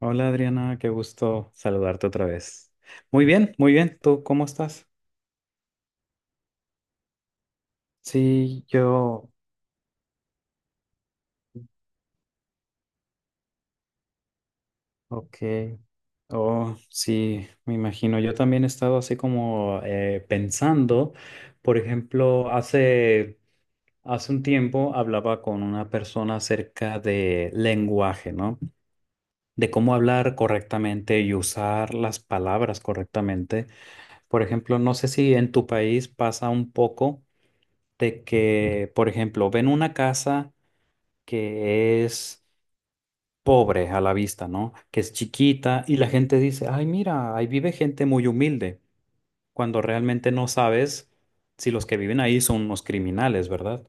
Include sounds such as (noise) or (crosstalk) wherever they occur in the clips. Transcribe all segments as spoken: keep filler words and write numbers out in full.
Hola Adriana, qué gusto saludarte otra vez. Muy bien, muy bien. ¿Tú cómo estás? Sí, yo, ok. Oh, sí, me imagino. Yo también he estado así como eh, pensando, por ejemplo, hace, hace un tiempo hablaba con una persona acerca de lenguaje, ¿no? De cómo hablar correctamente y usar las palabras correctamente. Por ejemplo, no sé si en tu país pasa un poco, de que, por ejemplo, ven una casa que es pobre a la vista, ¿no? Que es chiquita y la gente dice, ay, mira, ahí vive gente muy humilde, cuando realmente no sabes si los que viven ahí son unos criminales, ¿verdad?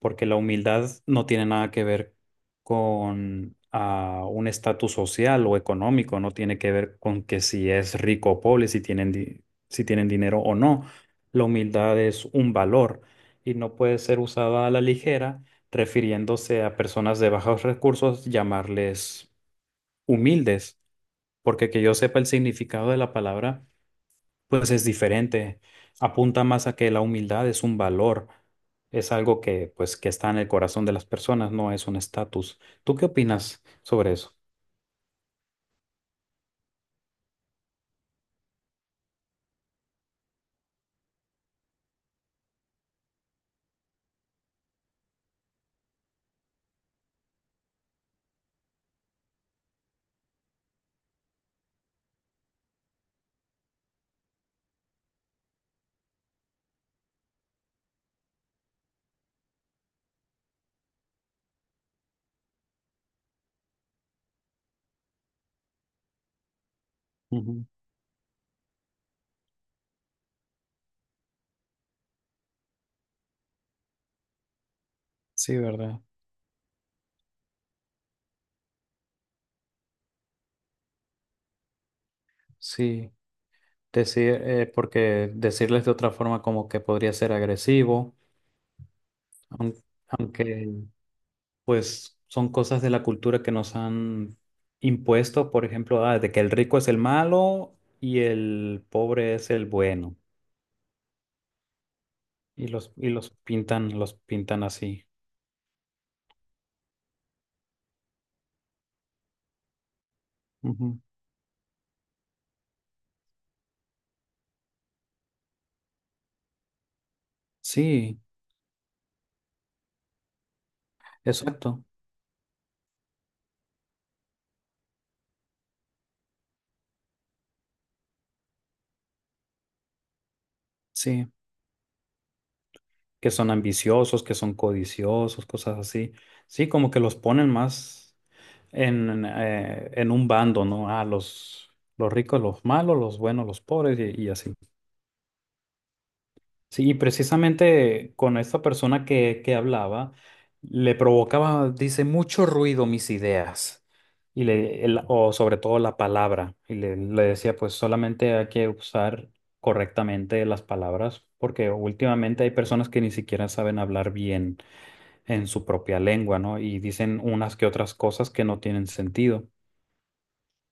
Porque la humildad no tiene nada que ver con ah, un estatus social o económico, no tiene que ver con que si es rico o pobre, si tienen, di- si tienen dinero o no. La humildad es un valor y no puede ser usada a la ligera, refiriéndose a personas de bajos recursos, llamarles humildes, porque que yo sepa el significado de la palabra pues es diferente. Apunta más a que la humildad es un valor, es algo que pues que está en el corazón de las personas, no es un estatus. ¿Tú qué opinas sobre eso? Ujú. Sí, ¿verdad? Sí, decir, eh, porque decirles de otra forma como que podría ser agresivo, aun- aunque pues son cosas de la cultura que nos han impuesto, por ejemplo, ah, de que el rico es el malo y el pobre es el bueno, y los, y los pintan, los pintan así. Ujú. Sí, exacto. Sí, que son ambiciosos, que son codiciosos, cosas así. Sí, como que los ponen más en, eh, en un bando, ¿no? Ah, los, los ricos, los malos, los buenos, los pobres y, y así. Sí, y precisamente con esta persona que, que hablaba, le provocaba, dice, mucho ruido mis ideas, y le, el- o sobre todo la palabra, y le, le decía, pues solamente hay que usar correctamente las palabras, porque últimamente hay personas que ni siquiera saben hablar bien en su propia lengua, ¿no? Y dicen unas que otras cosas que no tienen sentido.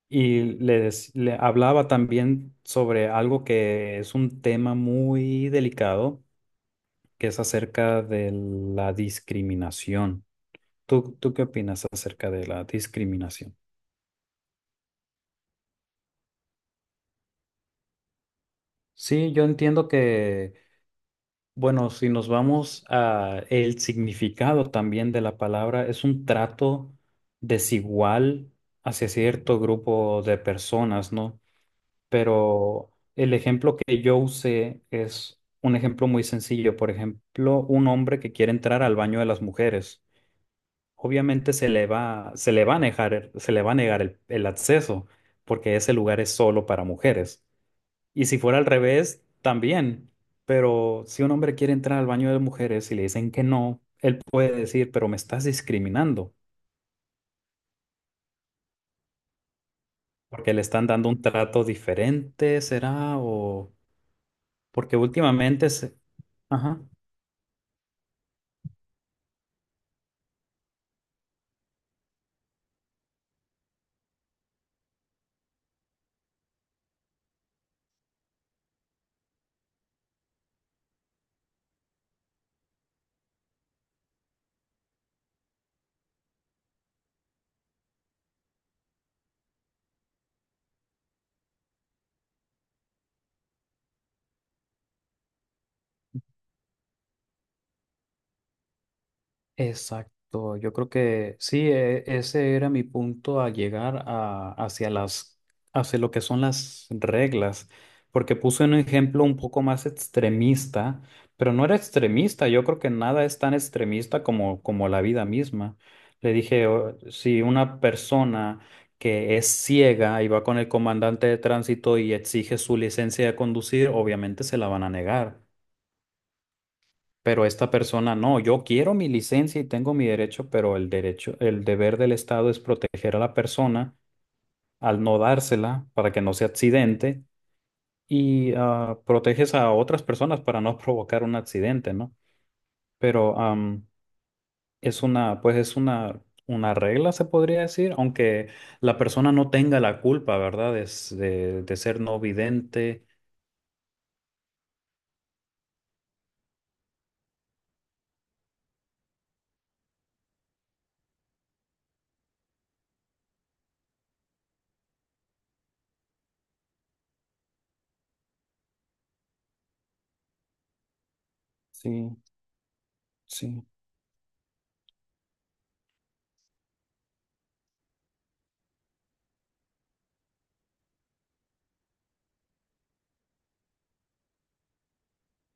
Y le, dec- le hablaba también sobre algo que es un tema muy delicado que es acerca de la discriminación. ¿Tú, tú qué opinas acerca de la discriminación? Sí, yo entiendo que, bueno, si nos vamos a el significado también de la palabra, es un trato desigual hacia cierto grupo de personas, ¿no? Pero el ejemplo que yo usé es un ejemplo muy sencillo. Por ejemplo, un hombre que quiere entrar al baño de las mujeres. Obviamente se le va, se le va a negar, se le va a negar el, el acceso, porque ese lugar es solo para mujeres. Y si fuera al revés, también. Pero si un hombre quiere entrar al baño de mujeres y le dicen que no, él puede decir, pero me estás discriminando, porque le están dando un trato diferente, ¿será? O porque últimamente se... Ajá. Exacto, yo creo que sí, e- ese era mi punto a llegar a, hacia las, hacia lo que son las reglas, porque puse un ejemplo un poco más extremista, pero no era extremista, yo creo que nada es tan extremista como, como la vida misma. Le dije, "O- si una persona que es ciega y va con el comandante de tránsito y exige su licencia de conducir, obviamente se la van a negar pero esta persona no, yo quiero mi licencia y tengo mi derecho, pero el derecho, el deber del Estado es proteger a la persona al no dársela para que no se accidente y ah, proteges a otras personas para no (laughs) provocar un accidente, ¿no? Pero am, es una, pues es una, una regla, se podría decir, aunque la persona no tenga la culpa, ¿verdad? Es de, de ser no vidente. Sí, sí,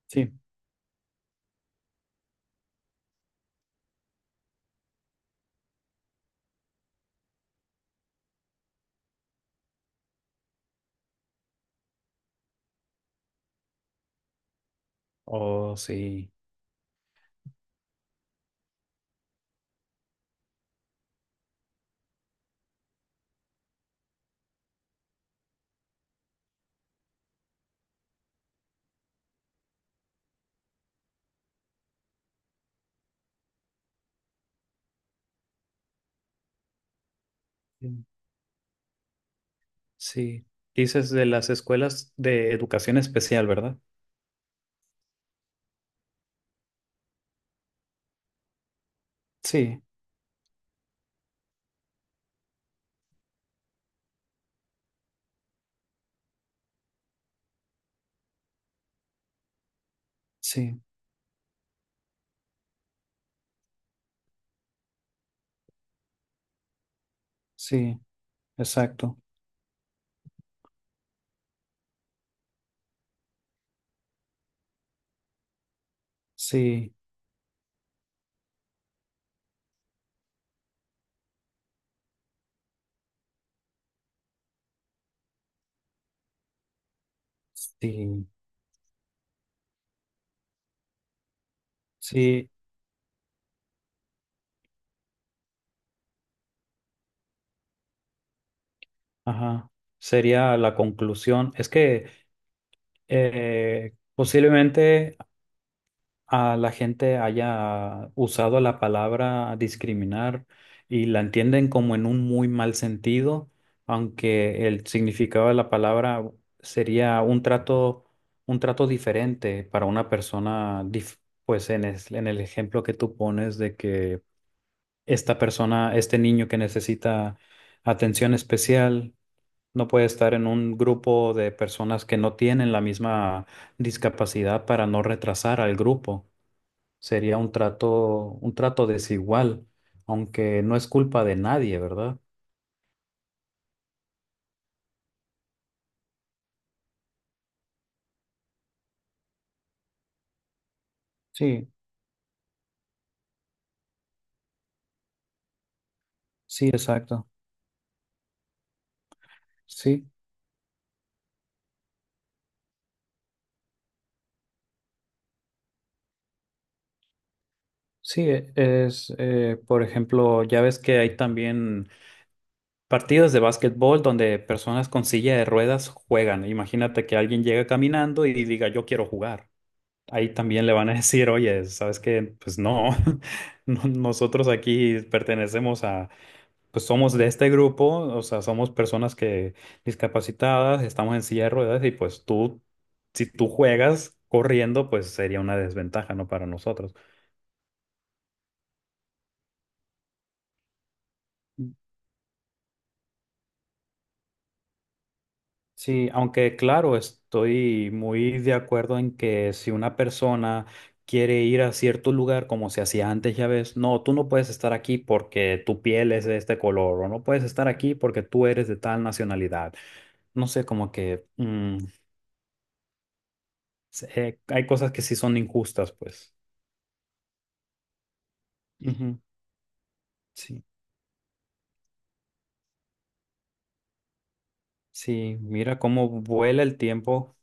sí. Oh, sí. Sí, dices de las escuelas de educación especial, ¿verdad? Sí, sí, sí, exacto. Sí, sí, sí, ajá. Sería la conclusión. Es que eh, posiblemente a la gente haya usado la palabra discriminar y la entienden como en un muy mal sentido, aunque el significado de la palabra sería un trato, un trato diferente para una persona, dif- pues en, es- en el ejemplo que tú pones de que esta persona, este niño que necesita atención especial, no puede estar en un grupo de personas que no tienen la misma discapacidad para no retrasar al grupo. Sería un trato, un trato desigual, aunque no es culpa de nadie, ¿verdad? Sí, sí, exacto. Sí, sí, e- es, eh, por ejemplo, ya ves que hay también partidas de básquetbol donde personas con silla de ruedas juegan. Imagínate que alguien llega caminando y diga, yo quiero jugar. Ahí también le van a (laughs) decir, oye, ¿sabes qué? Pues no, (laughs) no- nosotros aquí pertenecemos a pues somos de este grupo, o sea, somos personas que discapacitadas, estamos en silla de ruedas y pues tú, si tú juegas corriendo, pues sería una desventaja, ¿no? Para nosotros. Sí, aunque claro, estoy muy de acuerdo en que si una persona quiere ir a cierto lugar como se hacía antes, ya ves, no, tú no puedes estar aquí porque tu piel es de este color, o no puedes estar aquí porque tú eres de tal nacionalidad. No sé, como que mm, se- eh, hay cosas que sí son injustas, pues. Ujú. Sí, sí, mira cómo vuela el tiempo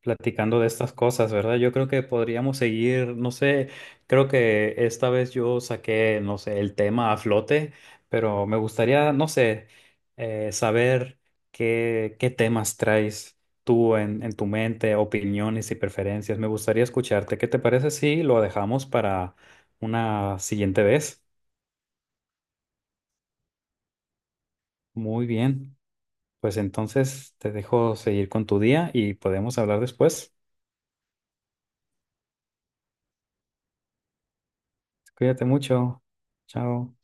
platicando de estas cosas, ¿verdad? Yo creo que podríamos seguir, no sé, creo que esta vez yo saqué, no sé, el tema a flote, pero me gustaría, no sé, eh, saber qué, qué temas traes tú en, en tu mente, opiniones y preferencias. Me gustaría escucharte. ¿Qué te parece si lo dejamos para una siguiente vez? Muy bien. Pues entonces te dejo seguir con tu día y podemos hablar después. Cuídate mucho. Chao.